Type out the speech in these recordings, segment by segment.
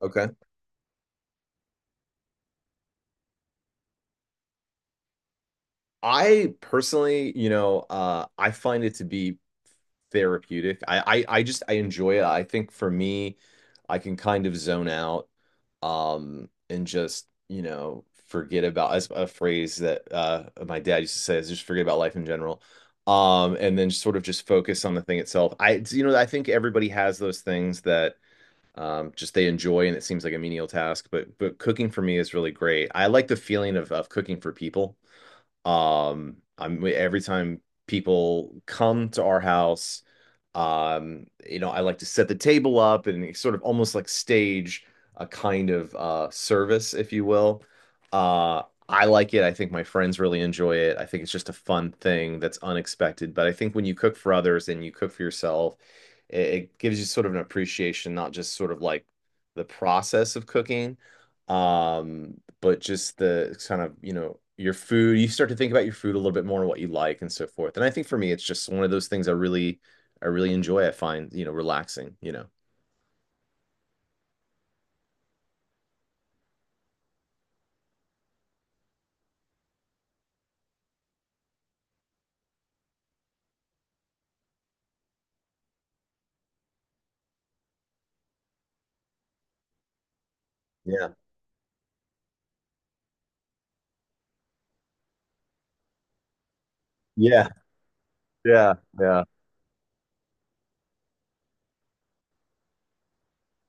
Okay. I personally, you know, I find it to be therapeutic. I enjoy it. I think for me, I can kind of zone out, and just, you know, forget about as a phrase that my dad used to say is just forget about life in general. And then sort of just focus on the thing itself. It's- you know, I think everybody has those things that just they enjoy and it seems like a menial task, but cooking for me is really great. I like the feeling of cooking for people. I'm Every time people come to our house, you know, I like to set the table up and sort of almost like stage a kind of service, if you will. uh I like it. I think my friends really enjoy it. I think it's just a fun thing that's unexpected, but I think when you cook for others and you cook for yourself, it gives you sort of an appreciation, not just sort of like the process of cooking, um but just the kind of, you know, your food. You start to think about your food a little bit more and what you like and so forth. And I think for me it's just one of those things I really enjoy. I find, you know, relaxing, you know. Yeah. Yeah. Yeah. Yeah.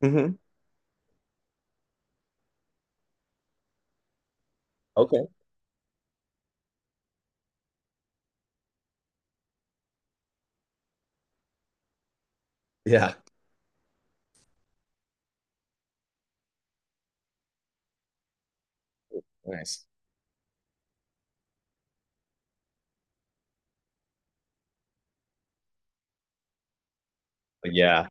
Hmm. Okay. Yeah. Nice. Yeah,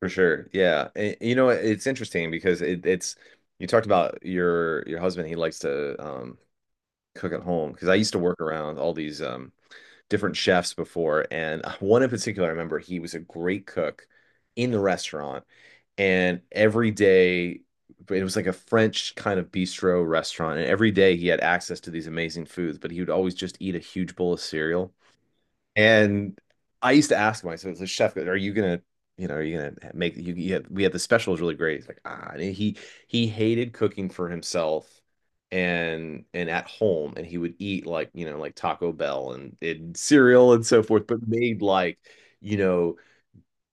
for sure. Yeah. And, you know, it's interesting because it's you talked about your husband, he likes to cook at home, because I used to work around all these different chefs before, and one in particular, I remember he was a great cook in the restaurant, and every day it was like a French kind of bistro restaurant, and every day he had access to these amazing foods, but he would always just eat a huge bowl of cereal. And I used to ask myself, so chef, are you gonna, you know, are you gonna make you have, we had the special is really great. It's like, ah, and he hated cooking for himself and at home, and he would eat like, you know, like Taco Bell and, cereal and so forth, but made like, you know,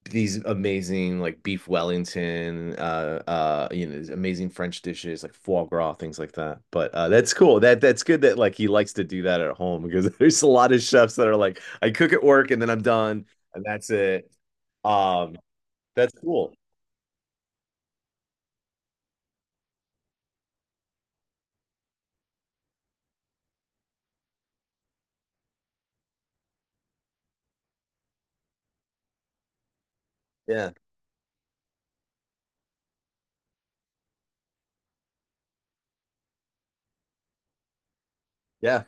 these amazing like beef Wellington, you know, these amazing French dishes like foie gras, things like that. But that's cool. That's good that like he likes to do that at home, because there's a lot of chefs that are like, I cook at work and then I'm done and that's it. Um, that's cool. Yeah, yeah,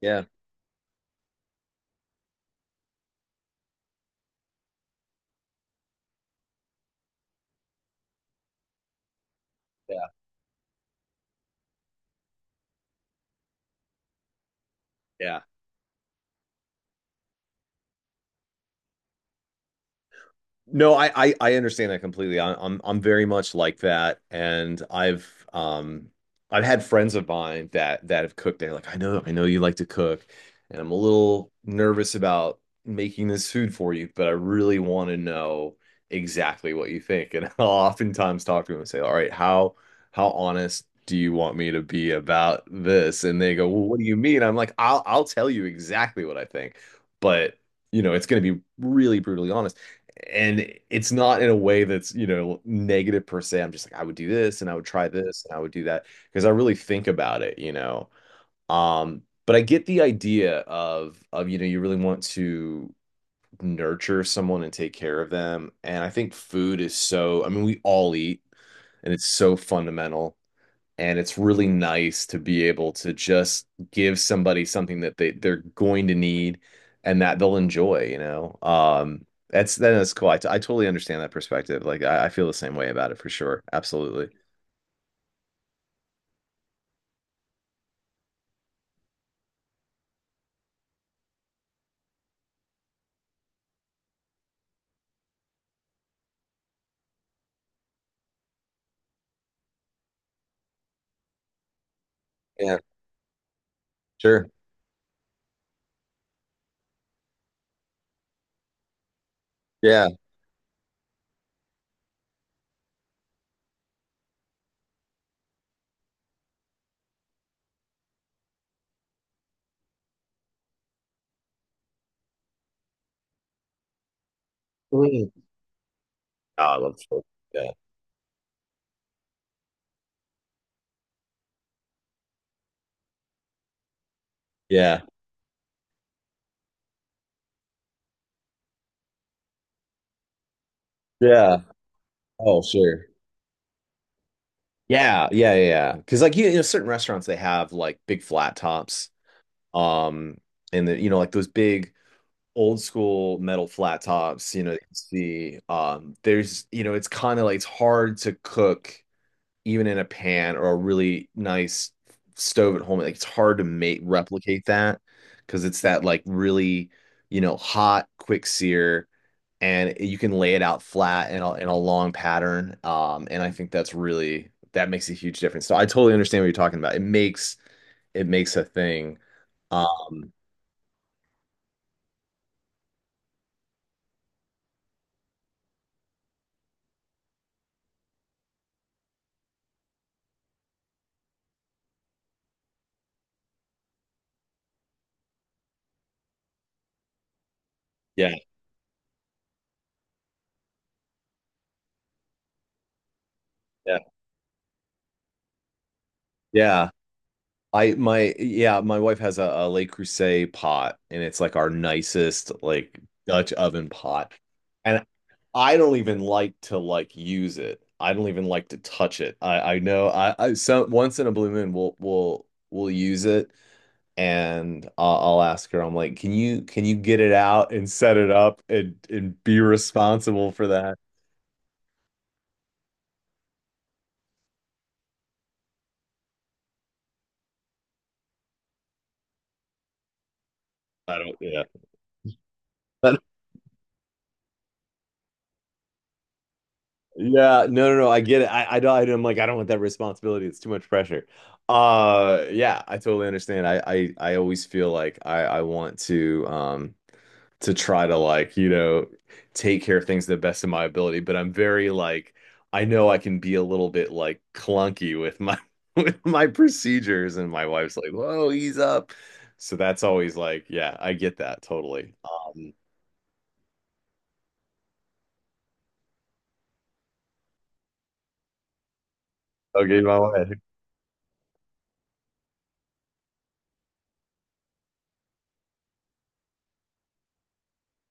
yeah, yeah, yeah. No, I understand that completely. I'm very much like that, and um I've had friends of mine that have cooked. They're like, I know you like to cook, and I'm a little nervous about making this food for you, but I really want to know exactly what you think. And I'll oftentimes talk to them and say, all right, how honest do you want me to be about this? And they go, well, what do you mean? I'm like, I'll tell you exactly what I think, but you know, it's going to be really brutally honest, and it's not in a way that's, you know, negative per se. I'm just like, I would do this, and I would try this, and I would do that, because I really think about it, you know. But I get the idea of you know, you really want to nurture someone and take care of them. And I think food is so, I mean, we all eat, and it's so fundamental. And it's really nice to be able to just give somebody something that they're going to need and that they'll enjoy, you know? That's then that's cool. I totally understand that perspective. Like I feel the same way about it for sure. Absolutely. Yeah, sure. Yeah. Mm. Oh, I love sure. Yeah. Yeah. Yeah. Oh, sure. Yeah, yeah, yeah, yeah. Because like you know, certain restaurants they have like big flat tops, um, and you know, like those big old school metal flat tops, you know, you can see there's, you know, it's kind of like it's hard to cook even in a pan or a really nice stove at home. Like it's hard to make replicate that because it's that like really, you know, hot quick sear, and you can lay it out flat in a long pattern. And I think that's really that makes a huge difference. So I totally understand what you're talking about. It makes a thing. Um, yeah, yeah, yeah. My wife has a Le Creuset pot, and it's like our nicest like Dutch oven pot. And I don't even like to like use it. I don't even like to touch it. I know I So once in a blue moon we'll use it, and I'll ask her. I'm like, can you get it out and set it up and be responsible for that? I don't. Yeah. Yeah, no, no, no. I get it. I don't. I'm like, I don't want that responsibility. It's too much pressure. Yeah, I totally understand. I always feel like I want to try to like, you know, take care of things to the best of my ability. But I'm very like, I know I can be a little bit like clunky with my, with my procedures. And my wife's like, whoa, ease up. So that's always like, yeah, I get that totally. Okay, my way.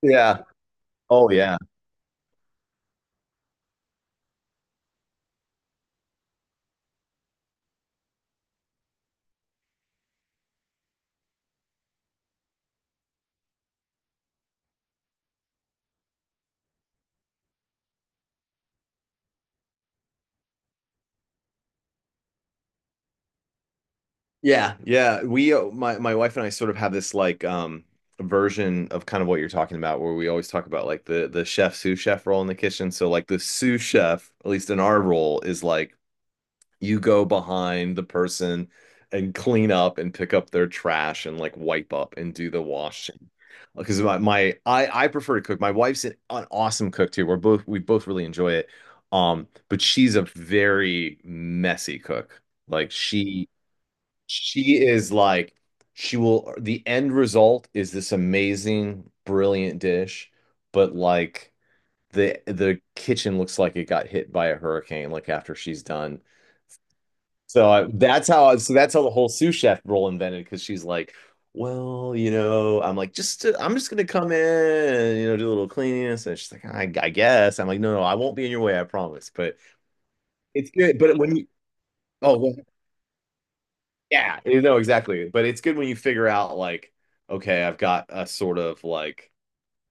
Yeah. Oh yeah. Yeah, yeah. We My my wife and I sort of have this like version of kind of what you're talking about, where we always talk about like the chef sous chef role in the kitchen. So like the sous chef, at least in our role, is like you go behind the person and clean up and pick up their trash and like wipe up and do the washing. Because my I prefer to cook. My wife's an awesome cook too. We both really enjoy it. But she's a very messy cook. Like she is like, the end result is this amazing, brilliant dish, but like the kitchen looks like it got hit by a hurricane, like after she's done. So that's how, so that's how the whole sous chef role invented, because she's like, well, you know, I'm like, I'm just gonna come in and, you know, do a little cleaning. And she's like, I guess. I'm like, no, no, I won't be in your way, I promise. But it's good. But when you, oh, yeah, you know exactly. But it's good when you figure out like, okay, I've got a sort of like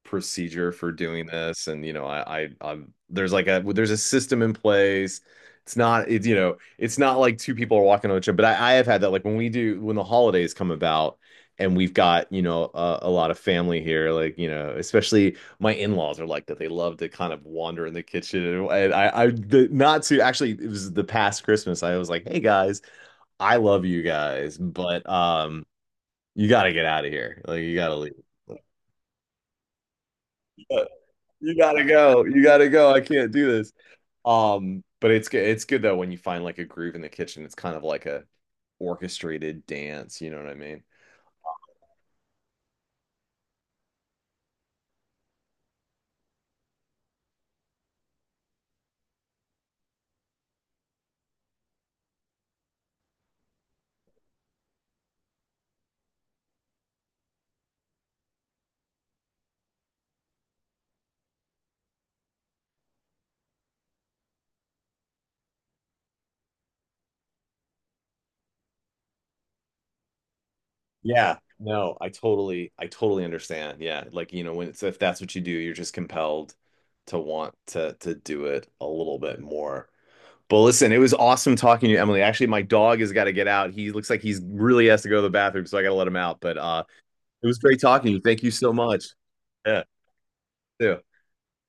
procedure for doing this, and you know, I'm there's like a there's a system in place. It's you know, it's not like two people are walking on each other. But I have had that like when we do when the holidays come about. And we've got, you know, a lot of family here. Like, you know, especially my in-laws are like that. They love to kind of wander in the kitchen. And not to actually, it was the past Christmas. I was like, hey guys, I love you guys, but you got to get out of here. Like you got to leave. You gotta go. You gotta go. I can't do this. But it's good. It's good though when you find like a groove in the kitchen. It's kind of like a orchestrated dance. You know what I mean? Yeah. No, I totally understand. Yeah, like you know when it's if that's what you do, you're just compelled to want to do it a little bit more. But listen, it was awesome talking to you, Emily. Actually, my dog has got to get out. He looks like he's really has to go to the bathroom, so I got to let him out. But it was great talking to you. Thank you so much. Yeah. Yeah.